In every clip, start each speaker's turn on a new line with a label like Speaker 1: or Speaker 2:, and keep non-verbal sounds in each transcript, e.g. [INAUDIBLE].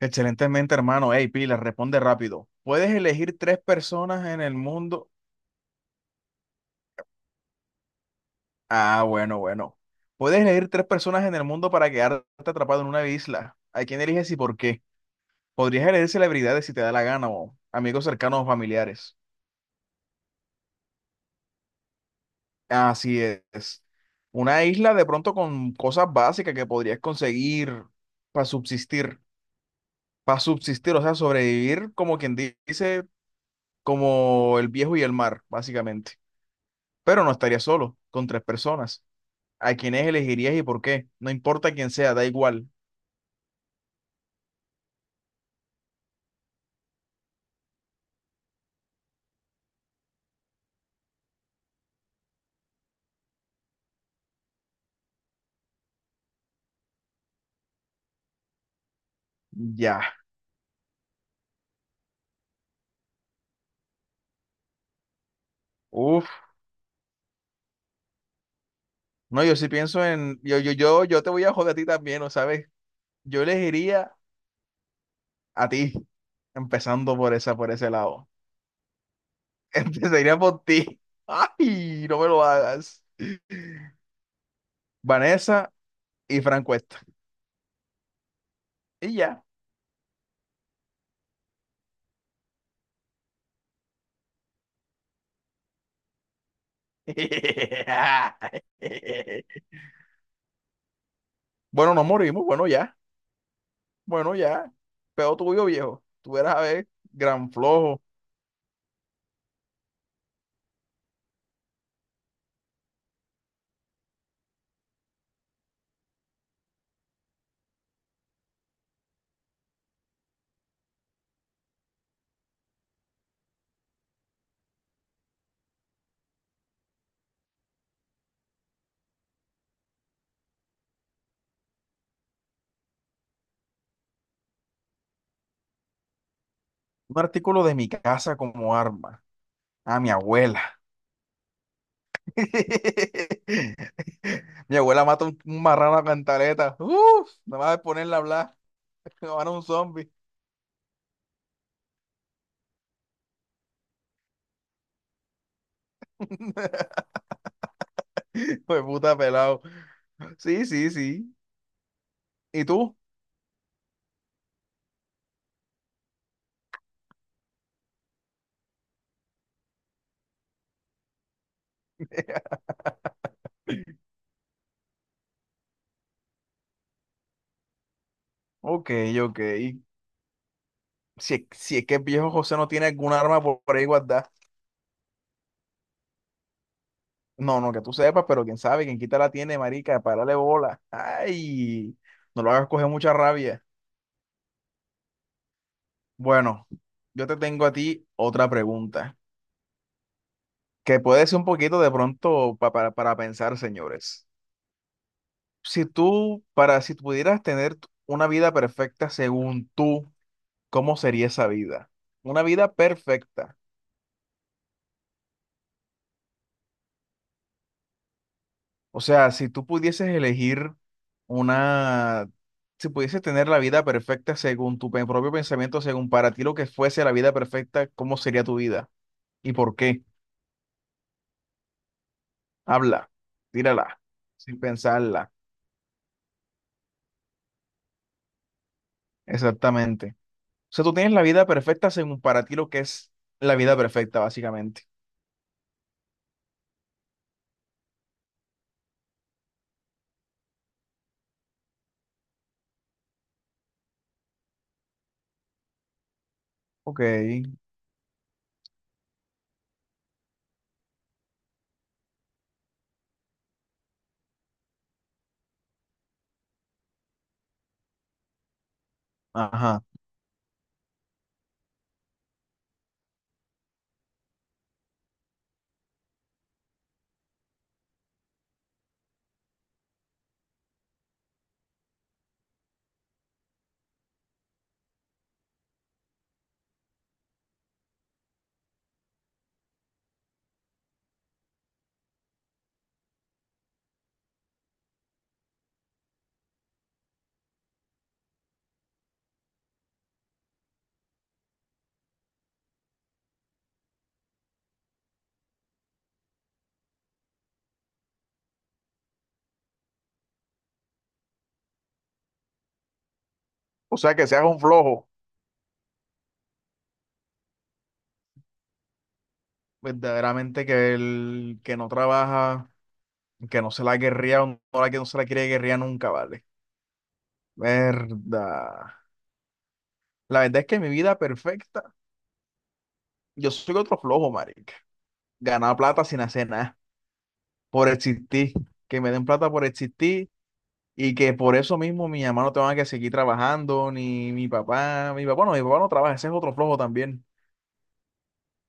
Speaker 1: Excelentemente, hermano. Hey, Pila, responde rápido. ¿Puedes elegir tres personas en el mundo? Ah, bueno, bueno. ¿Puedes elegir tres personas en el mundo para quedarte atrapado en una isla? ¿A quién eliges y por qué? Podrías elegir celebridades si te da la gana o amigos cercanos o familiares. Así es. Una isla de pronto con cosas básicas que podrías conseguir para subsistir. Para subsistir, o sea, sobrevivir como quien dice, como el viejo y el mar, básicamente. Pero no estaría solo, con tres personas. ¿A quiénes elegirías y por qué? No importa quién sea, da igual. Ya. Uf. No, yo sí pienso en. Yo te voy a joder a ti también, ¿no sabes? Yo elegiría a ti, empezando por esa, por ese lado. [LAUGHS] Empezaría por ti. Ay, no me lo hagas. Vanessa y Franco Cuesta. Y ya. [LAUGHS] Bueno, nos morimos. Bueno, ya. Bueno, ya. Peor tuyo, viejo. Tú eras a ver, gran flojo. Un artículo de mi casa como arma. A mi abuela. [LAUGHS] Mi abuela mata un marrano a cantaleta. Uf, nada más de ponerla a hablar. [LAUGHS] Me van a un zombie. [LAUGHS] Pues puta pelado. Sí, sí, sí. ¿Y tú? Ok, ok. Si, si es que el viejo José no tiene algún arma por ahí guardada. No, no, que tú sepas, pero quién sabe, quién quita la tiene, marica, párale bola. Ay, no lo hagas coger mucha rabia. Bueno, yo te tengo a ti otra pregunta. Que puede ser un poquito de pronto para pensar, señores. Si tú, para, si pudieras tener una vida perfecta según tú, ¿cómo sería esa vida? Una vida perfecta. O sea, si tú pudieses elegir una, si pudieses tener la vida perfecta según tu propio pensamiento, según para ti lo que fuese la vida perfecta, ¿cómo sería tu vida? ¿Y por qué? Habla, tírala, sin pensarla. Exactamente. O sea, tú tienes la vida perfecta según para ti lo que es la vida perfecta, básicamente. Ok, ajá. O sea, que seas un flojo, verdaderamente que el que no trabaja, que no se la guerría, o no la que no se la quiere guerría nunca, ¿vale? Verdad. La verdad es que mi vida perfecta, yo soy otro flojo, marica. Ganar plata sin hacer nada, por existir. Que me den plata por existir y que por eso mismo mi mamá no tenga que seguir trabajando, ni mi papá, mi papá no trabaja, ese es otro flojo también.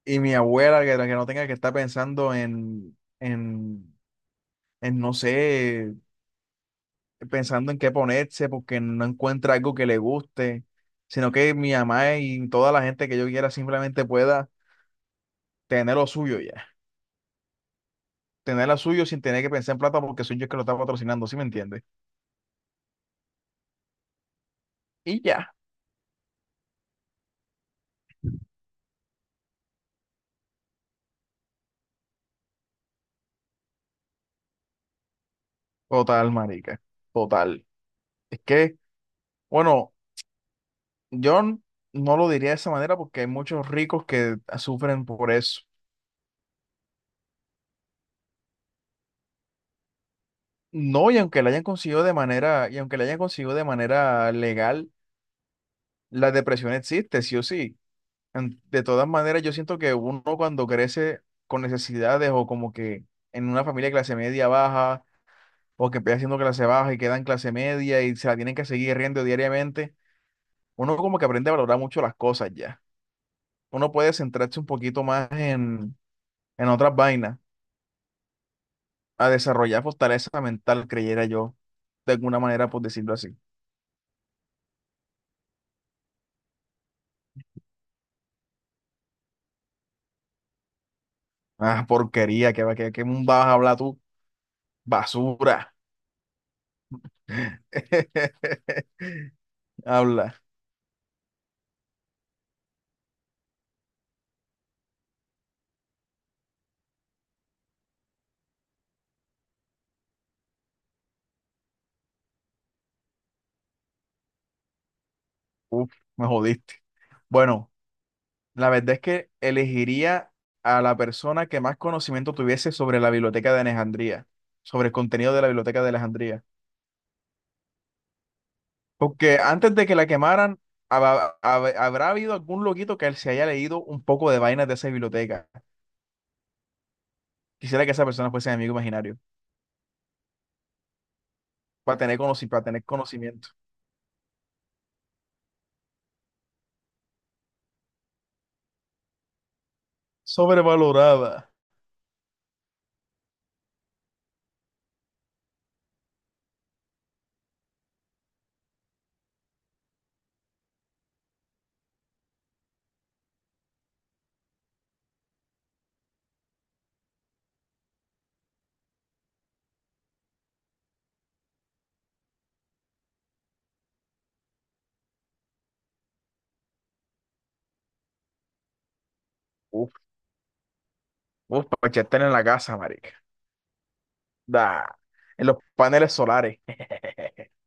Speaker 1: Y mi abuela, que no tenga que estar pensando en, no sé, pensando en qué ponerse porque no encuentra algo que le guste, sino que mi mamá y toda la gente que yo quiera simplemente pueda tener lo suyo ya. Tener lo suyo sin tener que pensar en plata porque soy yo el que lo está patrocinando, ¿sí me entiendes? Y ya. Total, marica. Total. Es que, bueno, yo n- no lo diría de esa manera porque hay muchos ricos que sufren por eso. No, y aunque la hayan conseguido de manera, y aunque la hayan conseguido de manera legal, la depresión existe, sí o sí. De todas maneras, yo siento que uno cuando crece con necesidades o como que en una familia de clase media baja o que empieza siendo clase baja y queda en clase media y se la tienen que seguir riendo diariamente, uno como que aprende a valorar mucho las cosas ya. Uno puede centrarse un poquito más en otras vainas, a desarrollar fortaleza mental, creyera yo, de alguna manera, por decirlo así. Ah, porquería, qué que vas a hablar tú, basura. [LAUGHS] Habla. Uf, me jodiste. Bueno, la verdad es que elegiría a la persona que más conocimiento tuviese sobre la biblioteca de Alejandría, sobre el contenido de la biblioteca de Alejandría. Porque antes de que la quemaran, habrá habido algún loquito que se haya leído un poco de vainas de esa biblioteca. Quisiera que esa persona fuese mi amigo imaginario, para tener para tener conocimiento. Sobrevalorada. Uf, para echarte en la casa, marica. Da. En los paneles solares. [LAUGHS]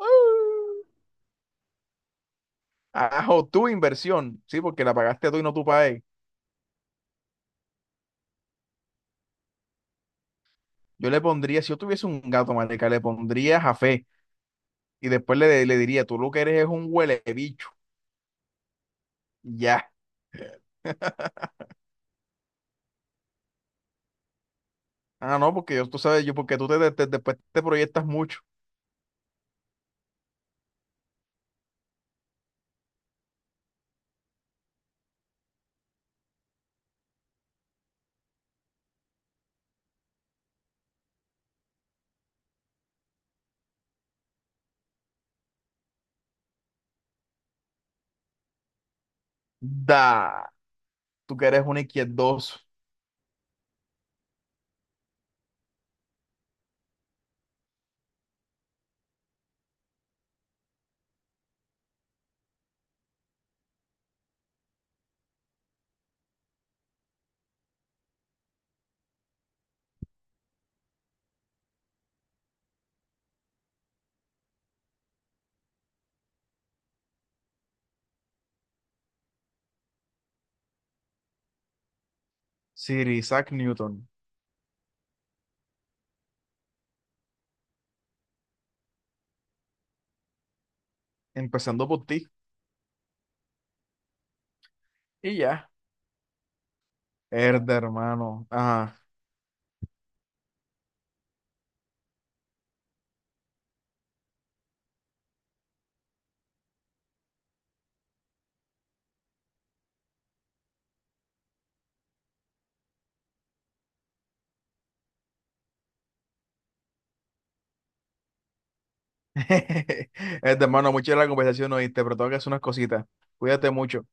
Speaker 1: Uh. Ajo, tu inversión. Sí, porque la pagaste tú y no tú pagué. Yo le pondría, si yo tuviese un gato, marica, le pondría Jafé. Y después le diría, tú lo que eres es un huele bicho. Ya. [LAUGHS] Ah, no, porque yo, tú sabes, yo, porque tú después te proyectas mucho. Da. Tú que eres un izquierdoso. Sir Isaac Newton. Empezando por ti. Y ya. Herda, hermano. Ajá. [LAUGHS] Este, hermano, mucha la conversación, oíste, pero tengo que hacer unas cositas. Cuídate mucho.